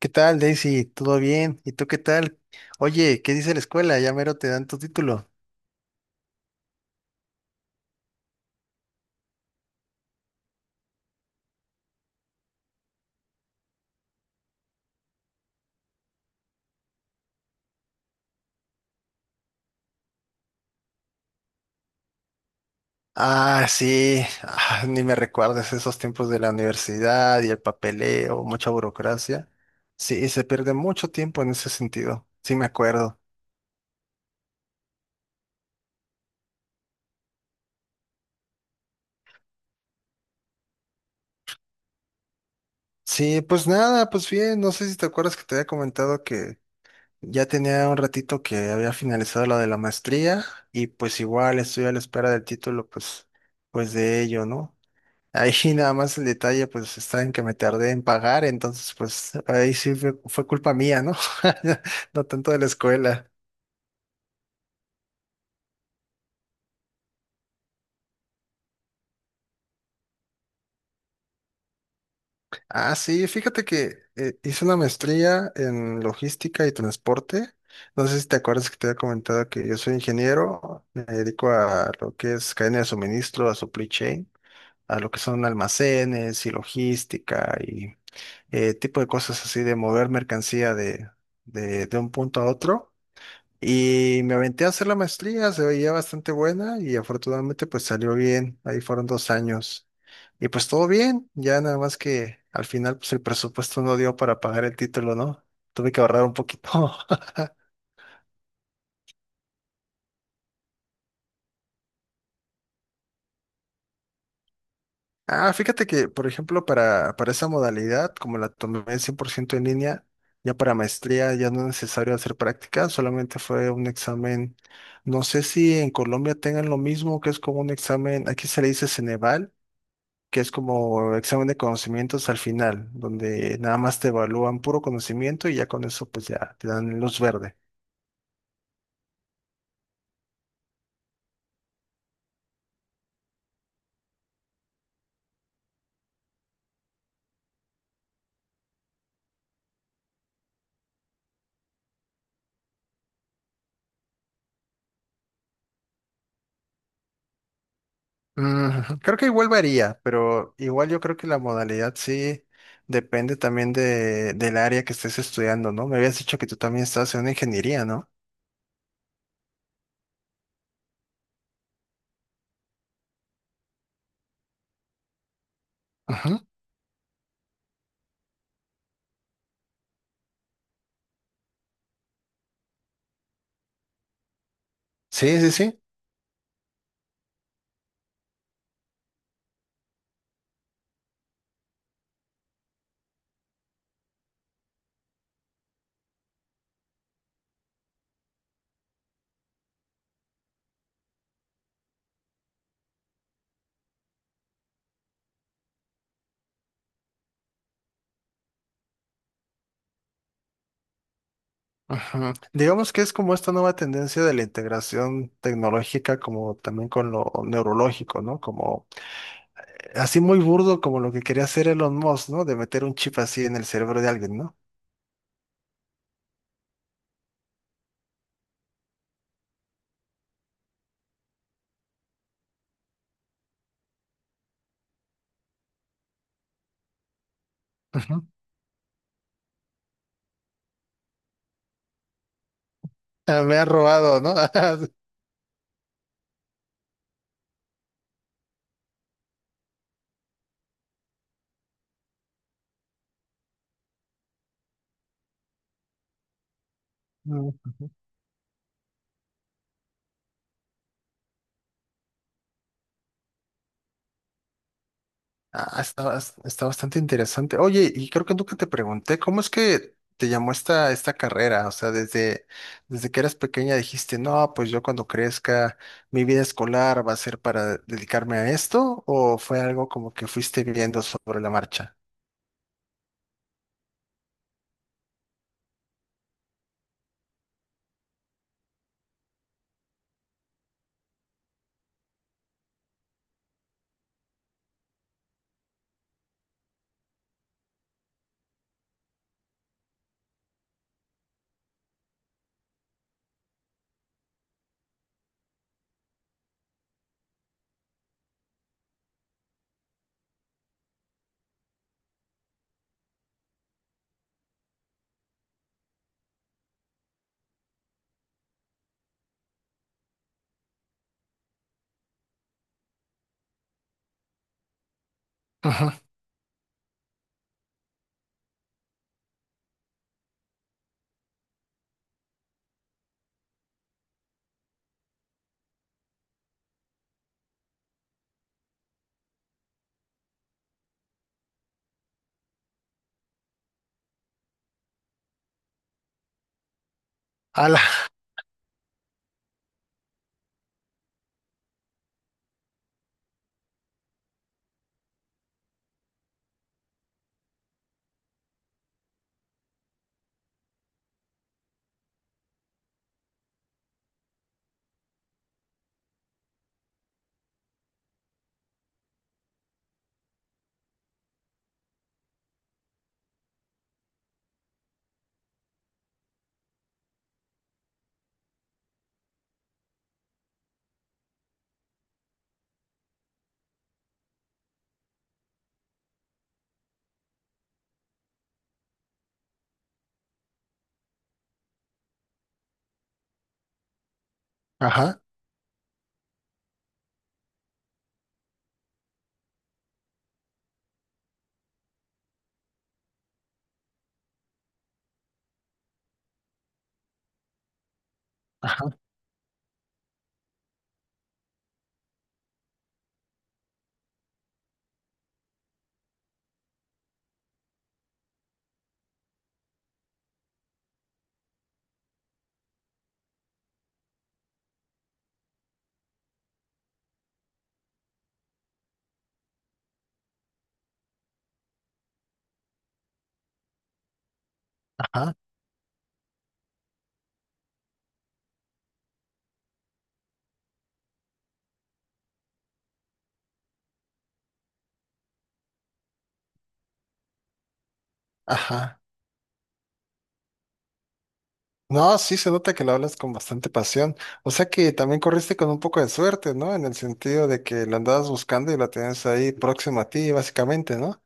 ¿Qué tal, Daisy? ¿Todo bien? ¿Y tú qué tal? Oye, ¿qué dice la escuela? Ya mero te dan tu título. Ah, sí, ni me recuerdas esos tiempos de la universidad y el papeleo, mucha burocracia. Sí, se pierde mucho tiempo en ese sentido. Sí, me acuerdo. Sí, pues nada, pues bien, no sé si te acuerdas que te había comentado que ya tenía un ratito que había finalizado la de la maestría y pues igual estoy a la espera del título, pues de ello, ¿no? Ahí nada más el detalle, pues está en que me tardé en pagar, entonces pues ahí sí fue culpa mía, ¿no? No tanto de la escuela. Ah, sí, fíjate que hice una maestría en logística y transporte. No sé si te acuerdas que te había comentado que yo soy ingeniero, me dedico a lo que es cadena de suministro, a supply chain, a lo que son almacenes y logística y tipo de cosas así de mover mercancía de un punto a otro. Y me aventé a hacer la maestría, se veía bastante buena y afortunadamente pues salió bien, ahí fueron 2 años. Y pues todo bien, ya nada más que al final pues el presupuesto no dio para pagar el título, ¿no? Tuve que ahorrar un poquito. Ah, fíjate que, por ejemplo, para esa modalidad, como la tomé 100% en línea, ya para maestría ya no es necesario hacer práctica, solamente fue un examen, no sé si en Colombia tengan lo mismo, que es como un examen, aquí se le dice Ceneval, que es como examen de conocimientos al final, donde nada más te evalúan puro conocimiento y ya con eso pues ya te dan luz verde. Creo que igual varía, pero igual yo creo que la modalidad sí depende también de, del área que estés estudiando, ¿no? Me habías dicho que tú también estás en una ingeniería, ¿no? Ujú. Sí, sí, sí. Ujú. Digamos que es como esta nueva tendencia de la integración tecnológica, como también con lo neurológico, ¿no? Como Así muy burdo como lo que quería hacer Elon Musk, ¿no? De meter un chip así en el cerebro de alguien, ¿no? Ujú. Ah, me ha robado, ¿no? Mm, ujú. Ah, está bastante interesante. Oye, y creo que nunca te pregunté, ¿cómo es que te llamó esta carrera? O sea, desde que eras pequeña dijiste, no, pues yo cuando crezca, mi vida escolar va a ser para dedicarme a esto, ¿o fue algo como que fuiste viendo sobre la marcha? Ajá. Ala. Ajá, ajá, ajá, ajá. No, sí se nota que lo hablas con bastante pasión. O sea que también corriste con un poco de suerte, ¿no? En el sentido de que la andabas buscando y la tenías ahí próxima a ti, básicamente, ¿no?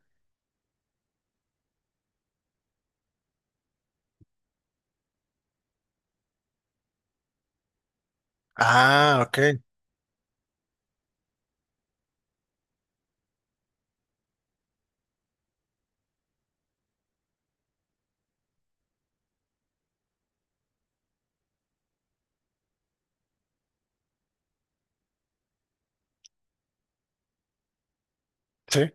Ah, ok. Sí.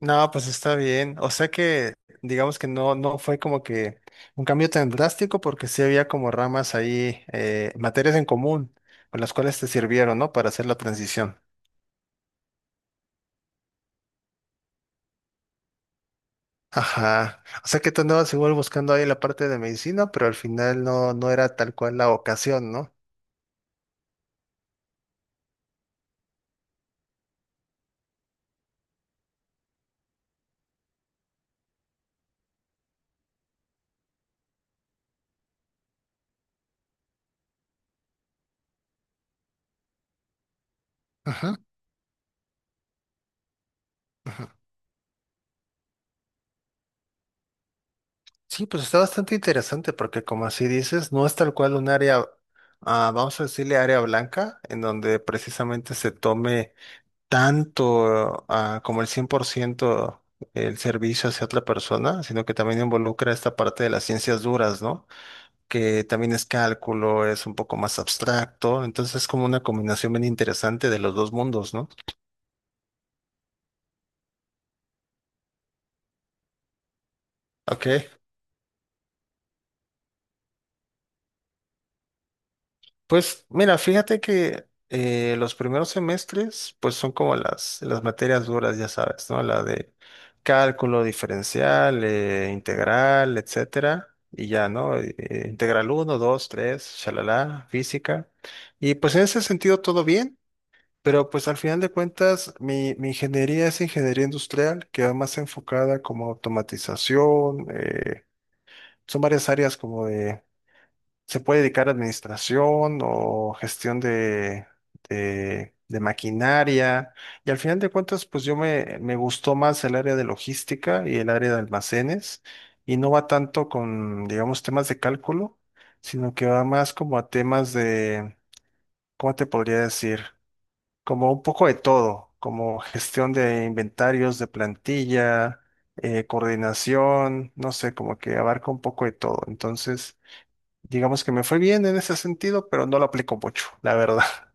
No, pues está bien. O sea que digamos que no, no fue como que un cambio tan drástico porque sí había como ramas ahí, materias en común con las cuales te sirvieron, ¿no? Para hacer la transición. Ajá. O sea que tú andabas igual buscando ahí la parte de medicina, pero al final no, no era tal cual la ocasión, ¿no? Ajá. Ujú. Sí, pues está bastante interesante porque como así dices, no es tal cual un área, vamos a decirle área blanca, en donde precisamente se tome tanto como el 100% el servicio hacia otra persona, sino que también involucra esta parte de las ciencias duras, ¿no? Que también es cálculo, es un poco más abstracto, entonces es como una combinación bien interesante de los dos mundos, ¿no? Ok. Pues mira, fíjate que los primeros semestres pues son como las materias duras, ya sabes, ¿no? La de cálculo diferencial, integral, etcétera, y ya, ¿no? Integral uno, 2, 3, shalala, física. Y pues en ese sentido todo bien, pero pues al final de cuentas mi ingeniería es ingeniería industrial, que va más enfocada como automatización, son varias áreas como de se puede dedicar a administración o gestión de maquinaria. Y al final de cuentas, pues yo me gustó más el área de logística y el área de almacenes. Y no va tanto con, digamos, temas de cálculo, sino que va más como a temas de, ¿cómo te podría decir? Como un poco de todo, como gestión de inventarios, de plantilla, coordinación, no sé, como que abarca un poco de todo. Entonces, digamos que me fue bien en ese sentido, pero no lo aplico mucho, la verdad.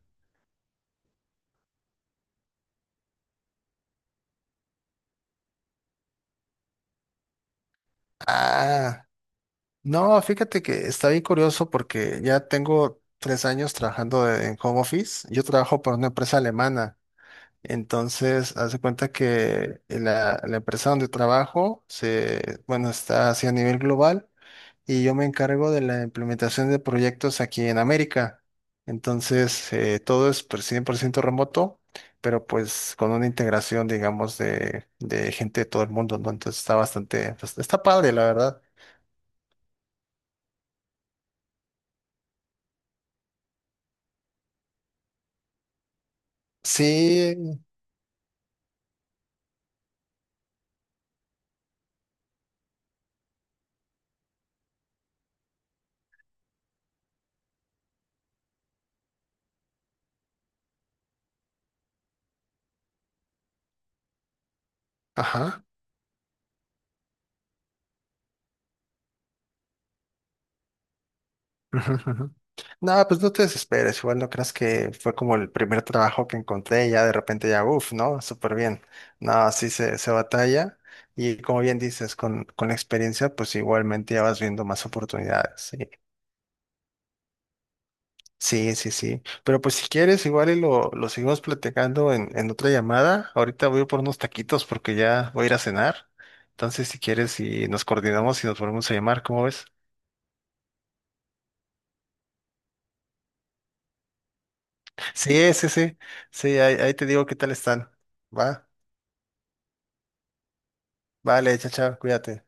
Ah, no, fíjate que está bien curioso porque ya tengo 3 años trabajando en home office. Yo trabajo para una empresa alemana. Entonces, hace cuenta que la empresa donde trabajo se, bueno, está así a nivel global y yo me encargo de la implementación de proyectos aquí en América. Entonces, todo es pues, 100% remoto, pero pues con una integración, digamos, de gente de todo el mundo, ¿no? Entonces está bastante, pues, está padre, la verdad. Sí, ajá. Ujú, ujú. No, pues no te desesperes, igual no creas que fue como el primer trabajo que encontré y ya de repente ya, uff, ¿no? Súper bien. No, sí se batalla y como bien dices, con la experiencia, pues igualmente ya vas viendo más oportunidades. Sí, sí, sí. Sí. Pero pues si quieres, igual y lo seguimos platicando en otra llamada. Ahorita voy por unos taquitos porque ya voy a ir a cenar. Entonces, si quieres, y nos coordinamos y nos volvemos a llamar, ¿cómo ves? Sí, sí, sí. Sí, ahí te digo qué tal están. Va. Vale, chao, chao, cuídate.